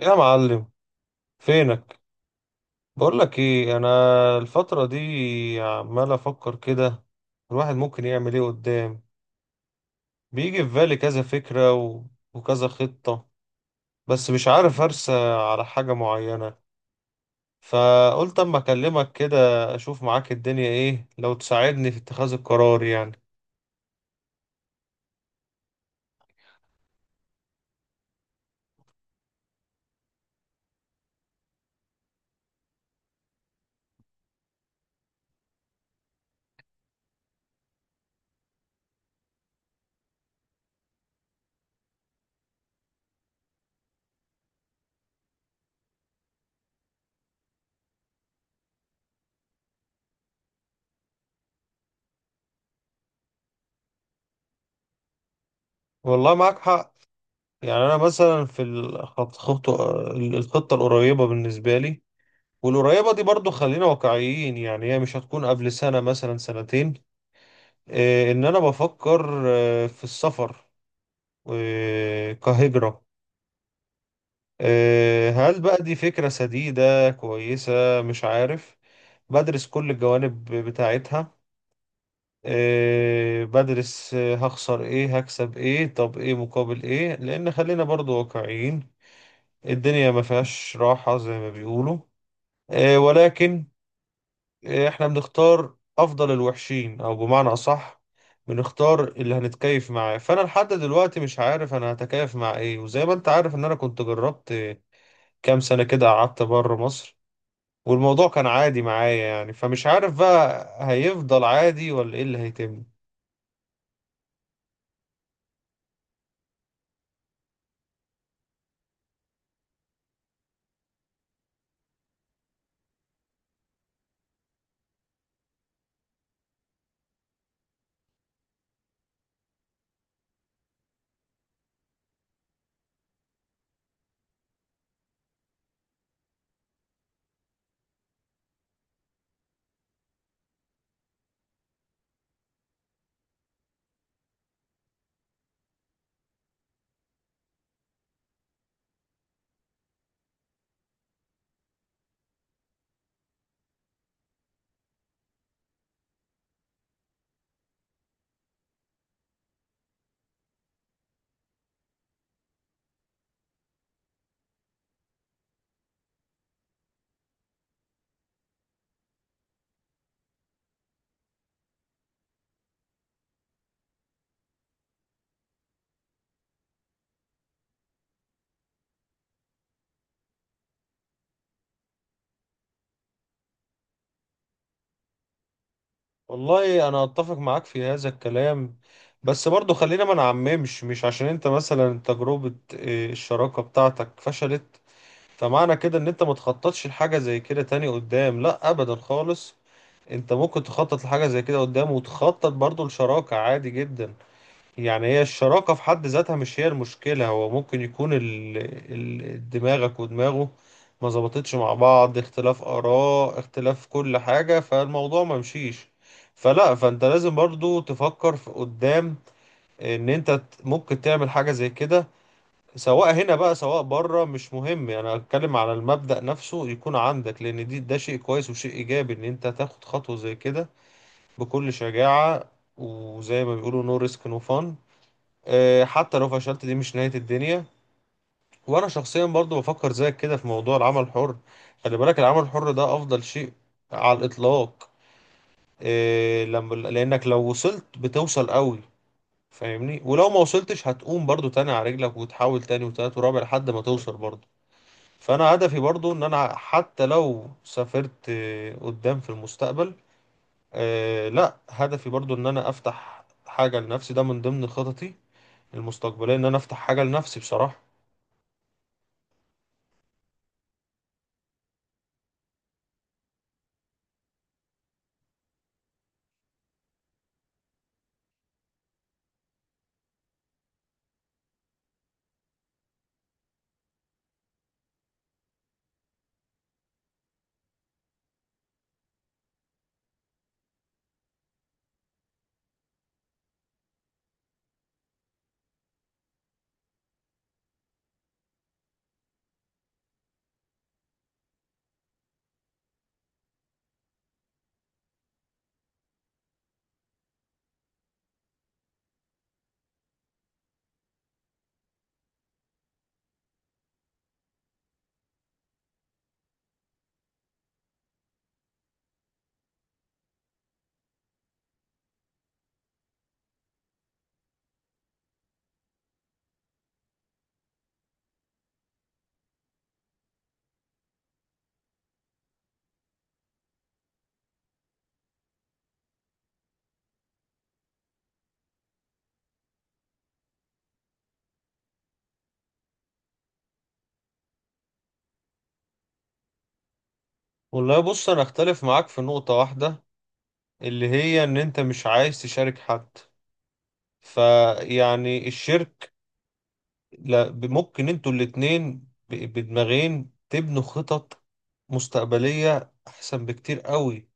يا معلم، فينك؟ بقول لك ايه، انا الفترة دي عمال افكر كده. الواحد ممكن يعمل ايه قدام؟ بيجي في بالي كذا فكرة وكذا خطة. بس مش عارف ارسى على حاجة معينة، فقلت اما اكلمك كده اشوف معاك الدنيا ايه، لو تساعدني في اتخاذ القرار يعني. والله معاك حق. يعني انا مثلا في الخطة القريبة بالنسبة لي. والقريبة دي برضو خلينا واقعيين، يعني هي مش هتكون قبل سنة، مثلا سنتين. ان انا بفكر في السفر، كهجرة. هل بقى دي فكرة سديدة كويسة؟ مش عارف. بدرس كل الجوانب بتاعتها. بدرس، هخسر ايه، هكسب ايه، طب ايه مقابل ايه، لان خلينا برضو واقعيين. الدنيا ما فيهاش راحة زي ما بيقولوا. ولكن احنا بنختار افضل الوحشين، او بمعنى اصح بنختار اللي هنتكيف معاه. فانا لحد دلوقتي مش عارف انا هتكيف مع ايه. وزي ما انت عارف ان انا كنت جربت كام سنة كده، قعدت بره مصر والموضوع كان عادي معايا يعني، فمش عارف بقى هيفضل عادي ولا ايه اللي هيتم. والله انا اتفق معاك في هذا الكلام. بس برضو خلينا ما نعممش. مش عشان انت مثلا تجربة إيه، الشراكة بتاعتك فشلت، فمعنى كده ان انت ما تخططش لحاجة زي كده تاني قدام. لا ابدا خالص. انت ممكن تخطط لحاجة زي كده قدام، وتخطط برضو لشراكة عادي جدا. يعني هي الشراكة في حد ذاتها مش هي المشكلة. هو ممكن يكون دماغك ودماغه ما ظبطتش مع بعض، اختلاف آراء، اختلاف كل حاجة، فالموضوع ما مشيش. فلا، فانت لازم برضو تفكر في قدام، ان انت ممكن تعمل حاجة زي كده. سواء هنا بقى سواء بره، مش مهم. يعني انا اتكلم على المبدأ نفسه يكون عندك، لان ده شيء كويس وشيء ايجابي ان انت تاخد خطوة زي كده بكل شجاعة. وزي ما بيقولوا نو ريسك نو فان. حتى لو فشلت دي مش نهاية الدنيا. وانا شخصيا برضو بفكر زيك كده في موضوع العمل الحر. خلي بالك، العمل الحر ده افضل شيء على الاطلاق. آه، لما لانك لو وصلت بتوصل قوي، فاهمني؟ ولو ما وصلتش هتقوم برضو تاني على رجلك، وتحاول تاني وتالت ورابع لحد ما توصل برضو. فانا هدفي برضو ان انا حتى لو سافرت قدام في المستقبل، لا، هدفي برضو ان انا افتح حاجة لنفسي. ده من ضمن خططي المستقبلية، ان انا افتح حاجة لنفسي بصراحة. والله بص، انا اختلف معاك في نقطة واحدة، اللي هي ان انت مش عايز تشارك حد. فيعني لا، ممكن انتوا الاتنين بدماغين تبنوا خطط مستقبلية احسن بكتير قوي،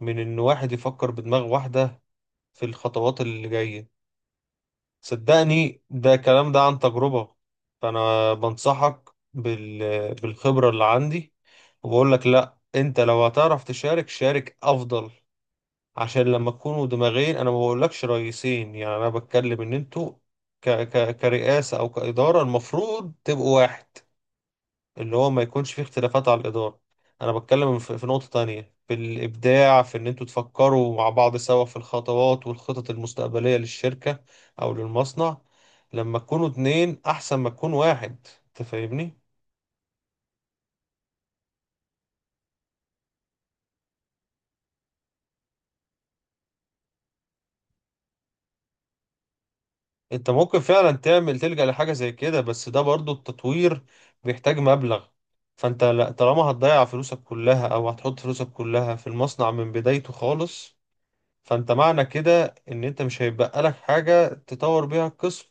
من ان واحد يفكر بدماغ واحدة في الخطوات اللي جاية. صدقني ده كلام، ده عن تجربة. فأنا بنصحك بالخبرة اللي عندي، وبقول لك لا، انت لو هتعرف تشارك شارك افضل. عشان لما تكونوا دماغين، انا ما بقولكش رئيسين، يعني انا بتكلم ان انتوا كرئاسة او كإدارة، المفروض تبقوا واحد. اللي هو ما يكونش فيه اختلافات على الإدارة. أنا بتكلم في نقطة تانية، في الإبداع، في إن أنتوا تفكروا مع بعض سوا في الخطوات والخطط المستقبلية للشركة أو للمصنع. لما تكونوا اتنين أحسن ما تكون واحد. أنت فاهمني؟ أنت ممكن فعلا تلجأ لحاجة زي كده، بس ده برضو التطوير بيحتاج مبلغ. فأنت طالما هتضيع فلوسك كلها أو هتحط فلوسك كلها في المصنع من بدايته خالص، فأنت معنى كده إن أنت مش هيبقى لك حاجة تطور بيها القسم.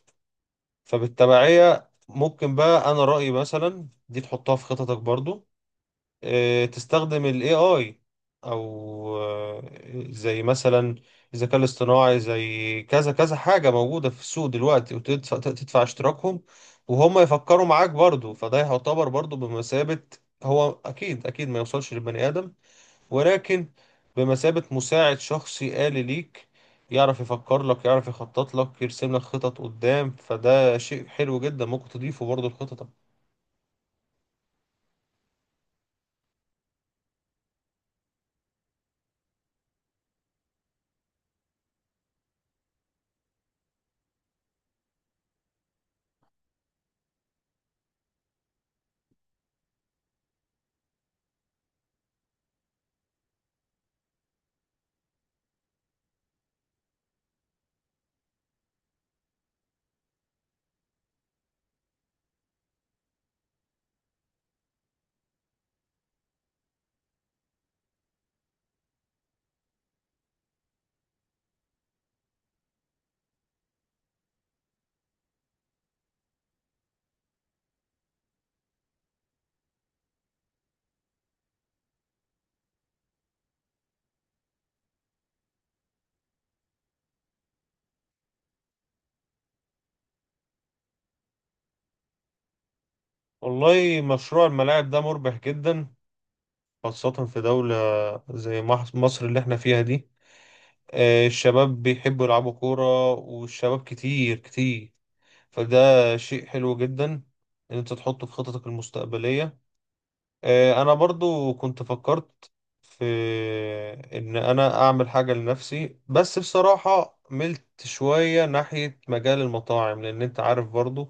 فبالتبعية ممكن بقى، أنا رأيي مثلا دي تحطها في خططك برضو. تستخدم ال AI، أو زي مثلا الذكاء الاصطناعي، زي كذا كذا حاجة موجودة في السوق دلوقتي، وتدفع اشتراكهم، وهم يفكروا معاك برضو. فده يعتبر برضو بمثابة، هو أكيد أكيد ما يوصلش للبني آدم، ولكن بمثابة مساعد شخصي آلي ليك. يعرف يفكر لك، يعرف يخطط لك، يرسم لك خطط قدام. فده شيء حلو جدا، ممكن تضيفه برضه لخططك. والله مشروع الملاعب ده مربح جدا، خاصة في دولة زي مصر اللي احنا فيها دي. الشباب بيحبوا يلعبوا كورة، والشباب كتير كتير، فده شيء حلو جدا ان انت تحطه في خططك المستقبلية. انا برضو كنت فكرت في ان انا اعمل حاجة لنفسي، بس بصراحة ملت شوية ناحية مجال المطاعم، لان انت عارف برضو.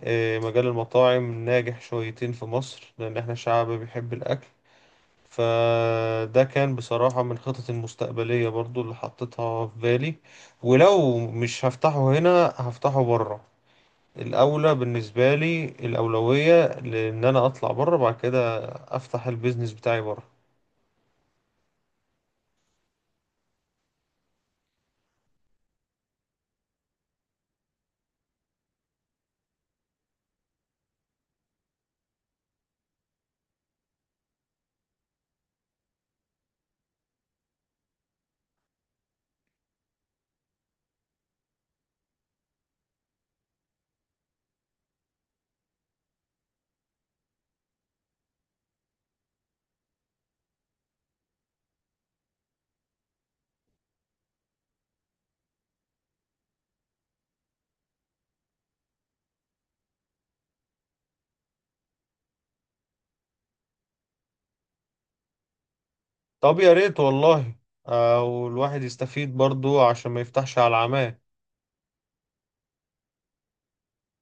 مجال المطاعم ناجح شويتين في مصر، لان احنا شعب بيحب الاكل. فده كان بصراحة من خطط المستقبلية برضو اللي حطيتها في بالي. ولو مش هفتحه هنا هفتحه بره. الأولى بالنسبة لي، الأولوية لإن أنا أطلع بره بعد كده أفتح البيزنس بتاعي بره. طب يا ريت والله. والواحد يستفيد برضو، عشان ما يفتحش على العماه.